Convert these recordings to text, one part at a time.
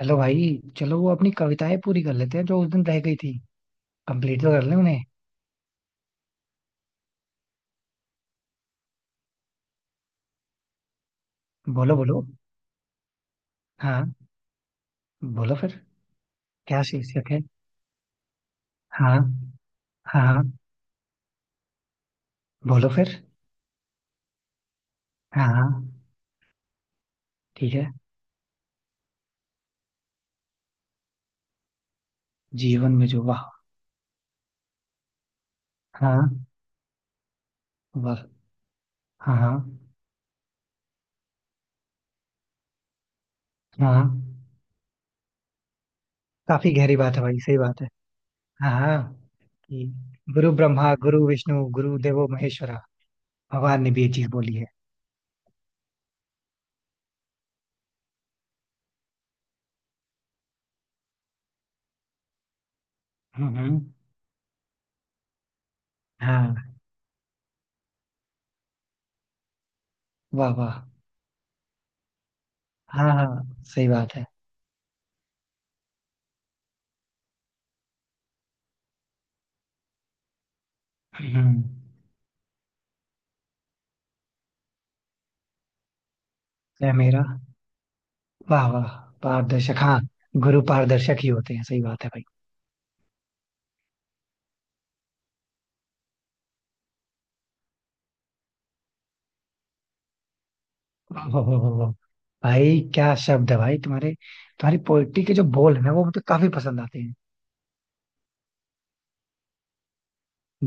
Hello भाई। चलो वो अपनी कविताएं पूरी कर लेते हैं जो उस दिन रह गई थी। कंप्लीट तो कर लें उन्हें। बोलो बोलो। हाँ। बोलो फिर। क्या शीर्षक है? हाँ। हाँ हाँ, बोलो फिर। हाँ हाँ, ठीक है। जीवन में जो, वाह। हाँ, वाह। हाँ हाँ हाँ। काफी गहरी बात है भाई, सही बात है। हाँ हाँ। कि गुरु ब्रह्मा गुरु विष्णु गुरु देवो महेश्वरा। भगवान ने भी ये चीज बोली है। हम्म हम्म, हाँ। वाह वाह। हाँ हाँ। सही बात है। हम्म। क्या मेरा, वाह वाह। पारदर्शक, हाँ। गुरु पारदर्शक ही होते हैं, सही बात है भाई। वाह, वाह, वाह, वाह, वाह। भाई क्या शब्द है भाई तुम्हारे। तुम्हारी पोइट्री के जो बोल है ना, वो मुझे काफी पसंद आते हैं।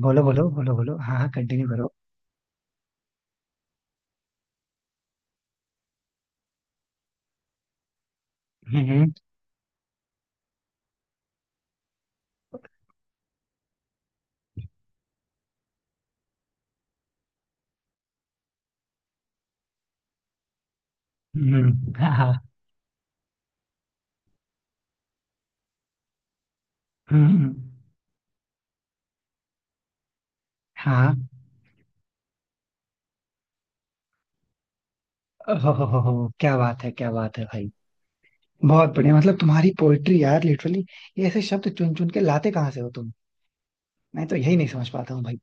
बोलो बोलो बोलो बोलो, हाँ हाँ, कंटिन्यू करो। हम्म हम्म हाँ हाँ। हम्म, हम्म, हाँ। हो, क्या बात है भाई। बहुत बढ़िया, मतलब तुम्हारी पोइट्री यार लिटरली ऐसे शब्द चुन चुन के लाते कहाँ से हो तुम। मैं तो यही नहीं समझ पाता हूँ भाई।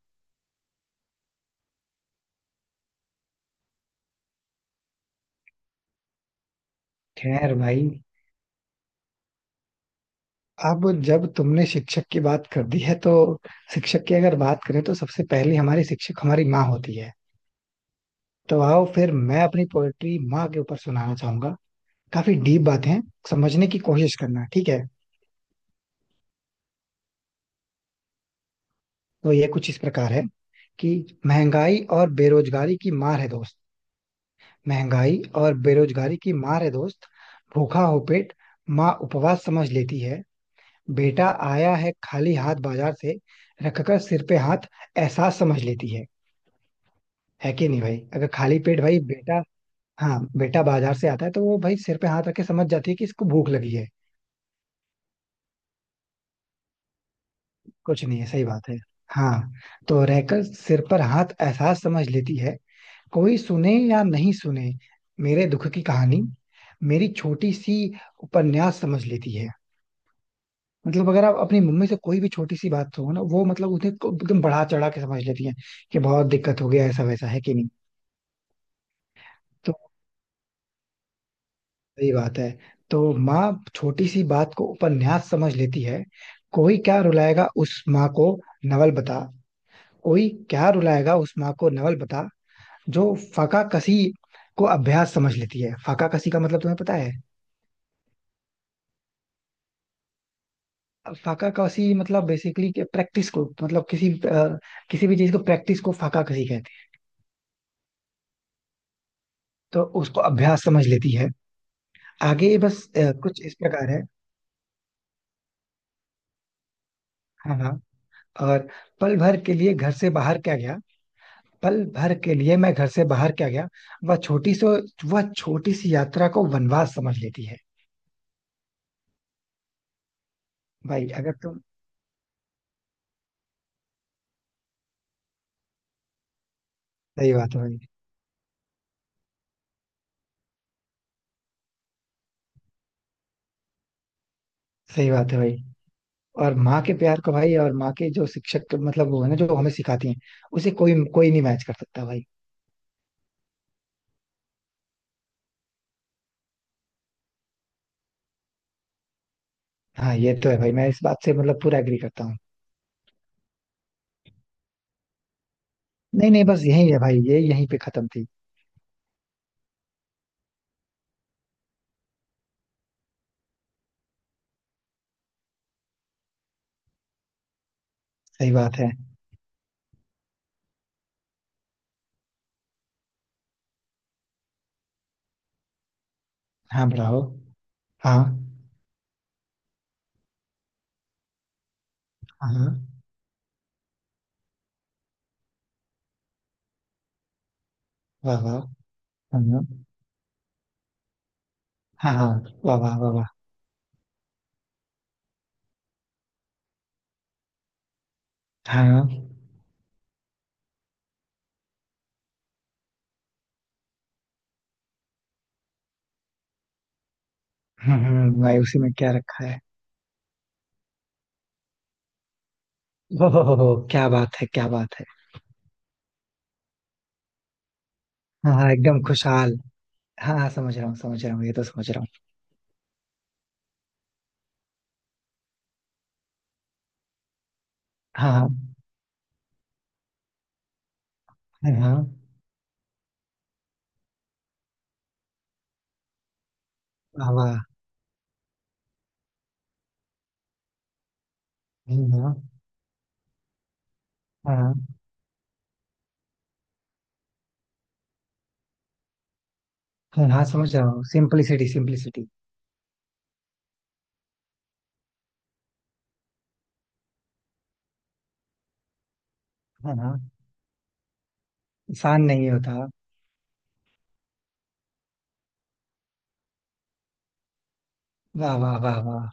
खैर भाई, अब जब तुमने शिक्षक की बात कर दी है तो शिक्षक की अगर बात करें तो सबसे पहले हमारी शिक्षक हमारी माँ होती है। तो आओ फिर मैं अपनी पोएट्री माँ के ऊपर सुनाना चाहूंगा। काफी डीप बातें हैं, समझने की कोशिश करना, ठीक है। तो ये कुछ इस प्रकार है कि महंगाई और बेरोजगारी की मार है दोस्त। महंगाई और बेरोजगारी की मार है दोस्त। भूखा हो पेट, माँ उपवास समझ लेती है। बेटा आया है खाली हाथ बाजार से, रखकर सिर पे हाथ एहसास समझ लेती है। है कि नहीं भाई? अगर खाली पेट भाई बेटा, हाँ बेटा बाजार से आता है तो वो भाई सिर पे हाथ रख के समझ जाती है कि इसको भूख लगी है। कुछ नहीं है, सही बात है। हाँ। तो रहकर सिर पर हाथ एहसास समझ लेती है। कोई सुने या नहीं सुने मेरे दुख की कहानी, मेरी छोटी सी उपन्यास समझ लेती है। मतलब अगर आप अपनी मम्मी से कोई भी छोटी सी बात हो ना, वो मतलब एकदम बढ़ा चढ़ा के समझ लेती है कि बहुत दिक्कत हो गया, ऐसा वैसा, है कि नहीं। तो सही बात है। तो माँ छोटी सी बात को उपन्यास समझ लेती है। कोई क्या रुलाएगा उस माँ को नवल बता। कोई क्या रुलाएगा उस माँ को नवल बता, जो फाका कसी को अभ्यास समझ लेती है। फाका कसी का मतलब तुम्हें पता है? फाका कसी मतलब बेसिकली प्रैक्टिस को, मतलब किसी भी चीज को, प्रैक्टिस को फाका कसी कहते हैं। तो उसको अभ्यास समझ लेती है। आगे बस कुछ इस प्रकार है। हाँ हाँ। और पल भर के लिए घर से बाहर क्या गया, पल भर के लिए मैं घर से बाहर क्या गया, वह छोटी सो वह छोटी सी यात्रा को वनवास समझ लेती है। भाई अगर तुम, सही बात है भाई। सही बात है भाई। और माँ के प्यार को भाई, और माँ के जो शिक्षक, मतलब वो है ना जो हमें सिखाती हैं, उसे कोई कोई नहीं मैच कर सकता भाई। हाँ ये तो है भाई, मैं इस बात से मतलब पूरा एग्री करता हूँ। नहीं नहीं, बस यही है भाई, ये यहीं पे खत्म थी। सही बात है। हाँ बढ़ाओ। हाँ हाँ, वाह वाह। हाँ हाँ हाँ, वाह वाह वाह वाह। हाँ। भाई उसी में क्या रखा है। ओहो क्या बात है क्या बात है। हाँ हाँ, एकदम खुशहाल। हाँ हाँ, समझ रहा हूँ समझ रहा हूँ, ये तो समझ रहा हूँ। हाँ हाँ। हाँ हाँ। वाह वाह। हम्म, हम्म, हाँ हाँ। हाँ हाँ, समझ रहा हूँ सिंपलिसिटी सिंपलिसिटी। हाँ हाँ। आसान नहीं होता। वाह वाह वाह वाह।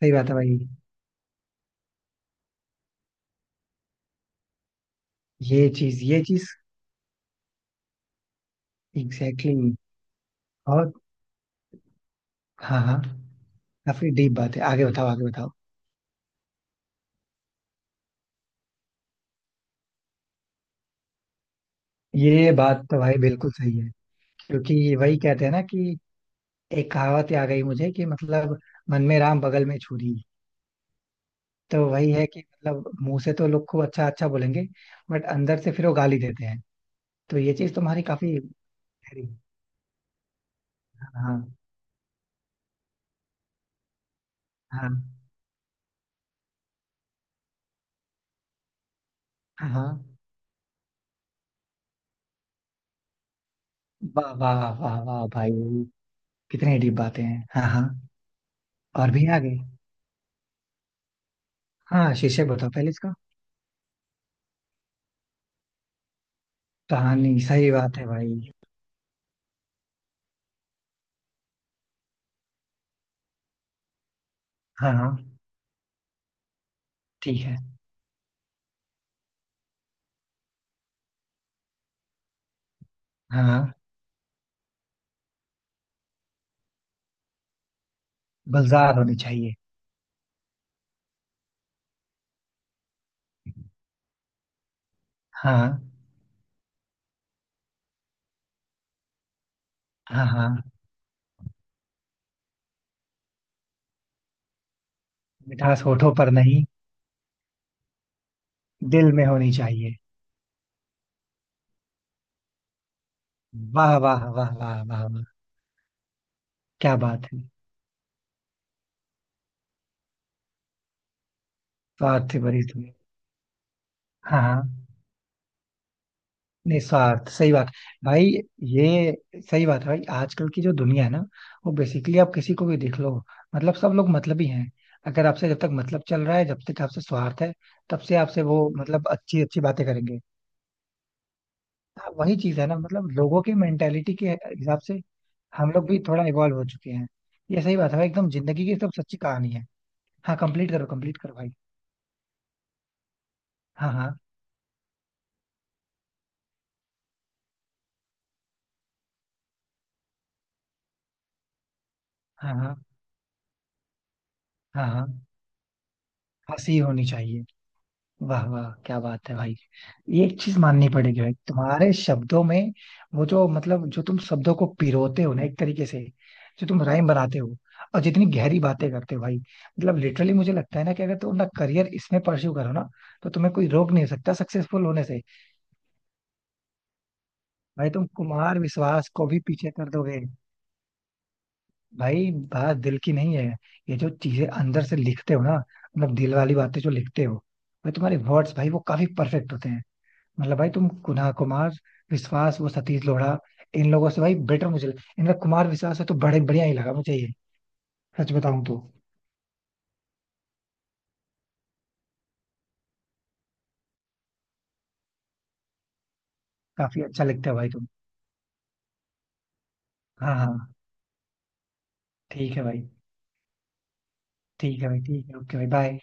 सही बात है भाई। ये चीज ये चीज, एग्जैक्टली exactly। और, हाँ हाँ। काफी डीप बात है, आगे बताओ आगे बताओ। ये बात तो भाई बिल्कुल सही है। क्योंकि वही कहते हैं ना कि, एक कहावत आ गई मुझे कि मतलब, मन में राम बगल में छुरी। तो वही है कि मतलब मुंह से तो लोग खूब अच्छा अच्छा बोलेंगे, बट अंदर से फिर वो गाली देते हैं। तो ये चीज तुम्हारी काफी गहरी। हाँ। हाँ हाँ, हाँ वाह वाह वाह वाह भाई। कितनी डीप बातें हैं, हाँ हाँ। और भी आगे। हाँ शीर्षक बताओ पहले इसका। कहानी, सही बात है भाई। हाँ हाँ। ठीक है। हाँ, गुलजार होनी चाहिए। हाँ हाँ। हाँ, मिठास होठों पर नहीं, दिल में होनी चाहिए। वाह वाह वाह वाह वाह वाह, क्या बात है। स्वाद से भरी तुम्हें। हाँ हाँ। निस्वार्थ, सही बात। भाई ये सही बात है भाई, आजकल की जो दुनिया है ना, वो बेसिकली आप किसी को भी देख लो, मतलब सब लोग मतलबी हैं। अगर आपसे जब तक मतलब चल रहा है, जब तक आपसे स्वार्थ है, तब से आपसे वो मतलब अच्छी अच्छी बातें करेंगे। हाँ वही चीज है ना, मतलब लोगों की मेंटेलिटी के हिसाब से हम लोग भी थोड़ा इवॉल्व हो चुके हैं। ये सही बात है भाई, एकदम जिंदगी की एकदम सच्ची कहानी है। हाँ, कंप्लीट करो भाई। हाँ हाँ। हाँ हाँ। हाँ हाँ हाँ, हंसी होनी चाहिए। वाह वाह, क्या बात है भाई। ये एक चीज माननी पड़ेगी भाई, तुम्हारे शब्दों में, वो जो मतलब जो तुम शब्दों को पिरोते हो ना एक तरीके से, जो तुम राइम बनाते हो, और जितनी गहरी बातें करते हो भाई, मतलब लिटरली मुझे लगता है ना कि अगर तुम अपना करियर इसमें परस्यू करो ना, तो तुम्हें कोई रोक नहीं सकता सक्सेसफुल होने से। भाई तुम कुमार विश्वास को भी पीछे कर दोगे। भाई बात दिल की नहीं है, ये जो चीजें अंदर से लिखते हो ना, मतलब दिल वाली बातें जो लिखते हो, भाई तुम्हारे वर्ड्स भाई वो काफी परफेक्ट होते हैं। मतलब भाई तुम कुना कुमार विश्वास, वो सतीश लोढ़ा, इन लोगों से भाई बेटर, मुझे लगा इनका कुमार विश्वास है तो बड़े बढ़िया ही लगा मुझे ये, सच बताऊं तो। काफी अच्छा लगता है भाई तुम। हाँ हाँ, ठीक है भाई, ठीक है भाई, ठीक है ओके भाई बाय।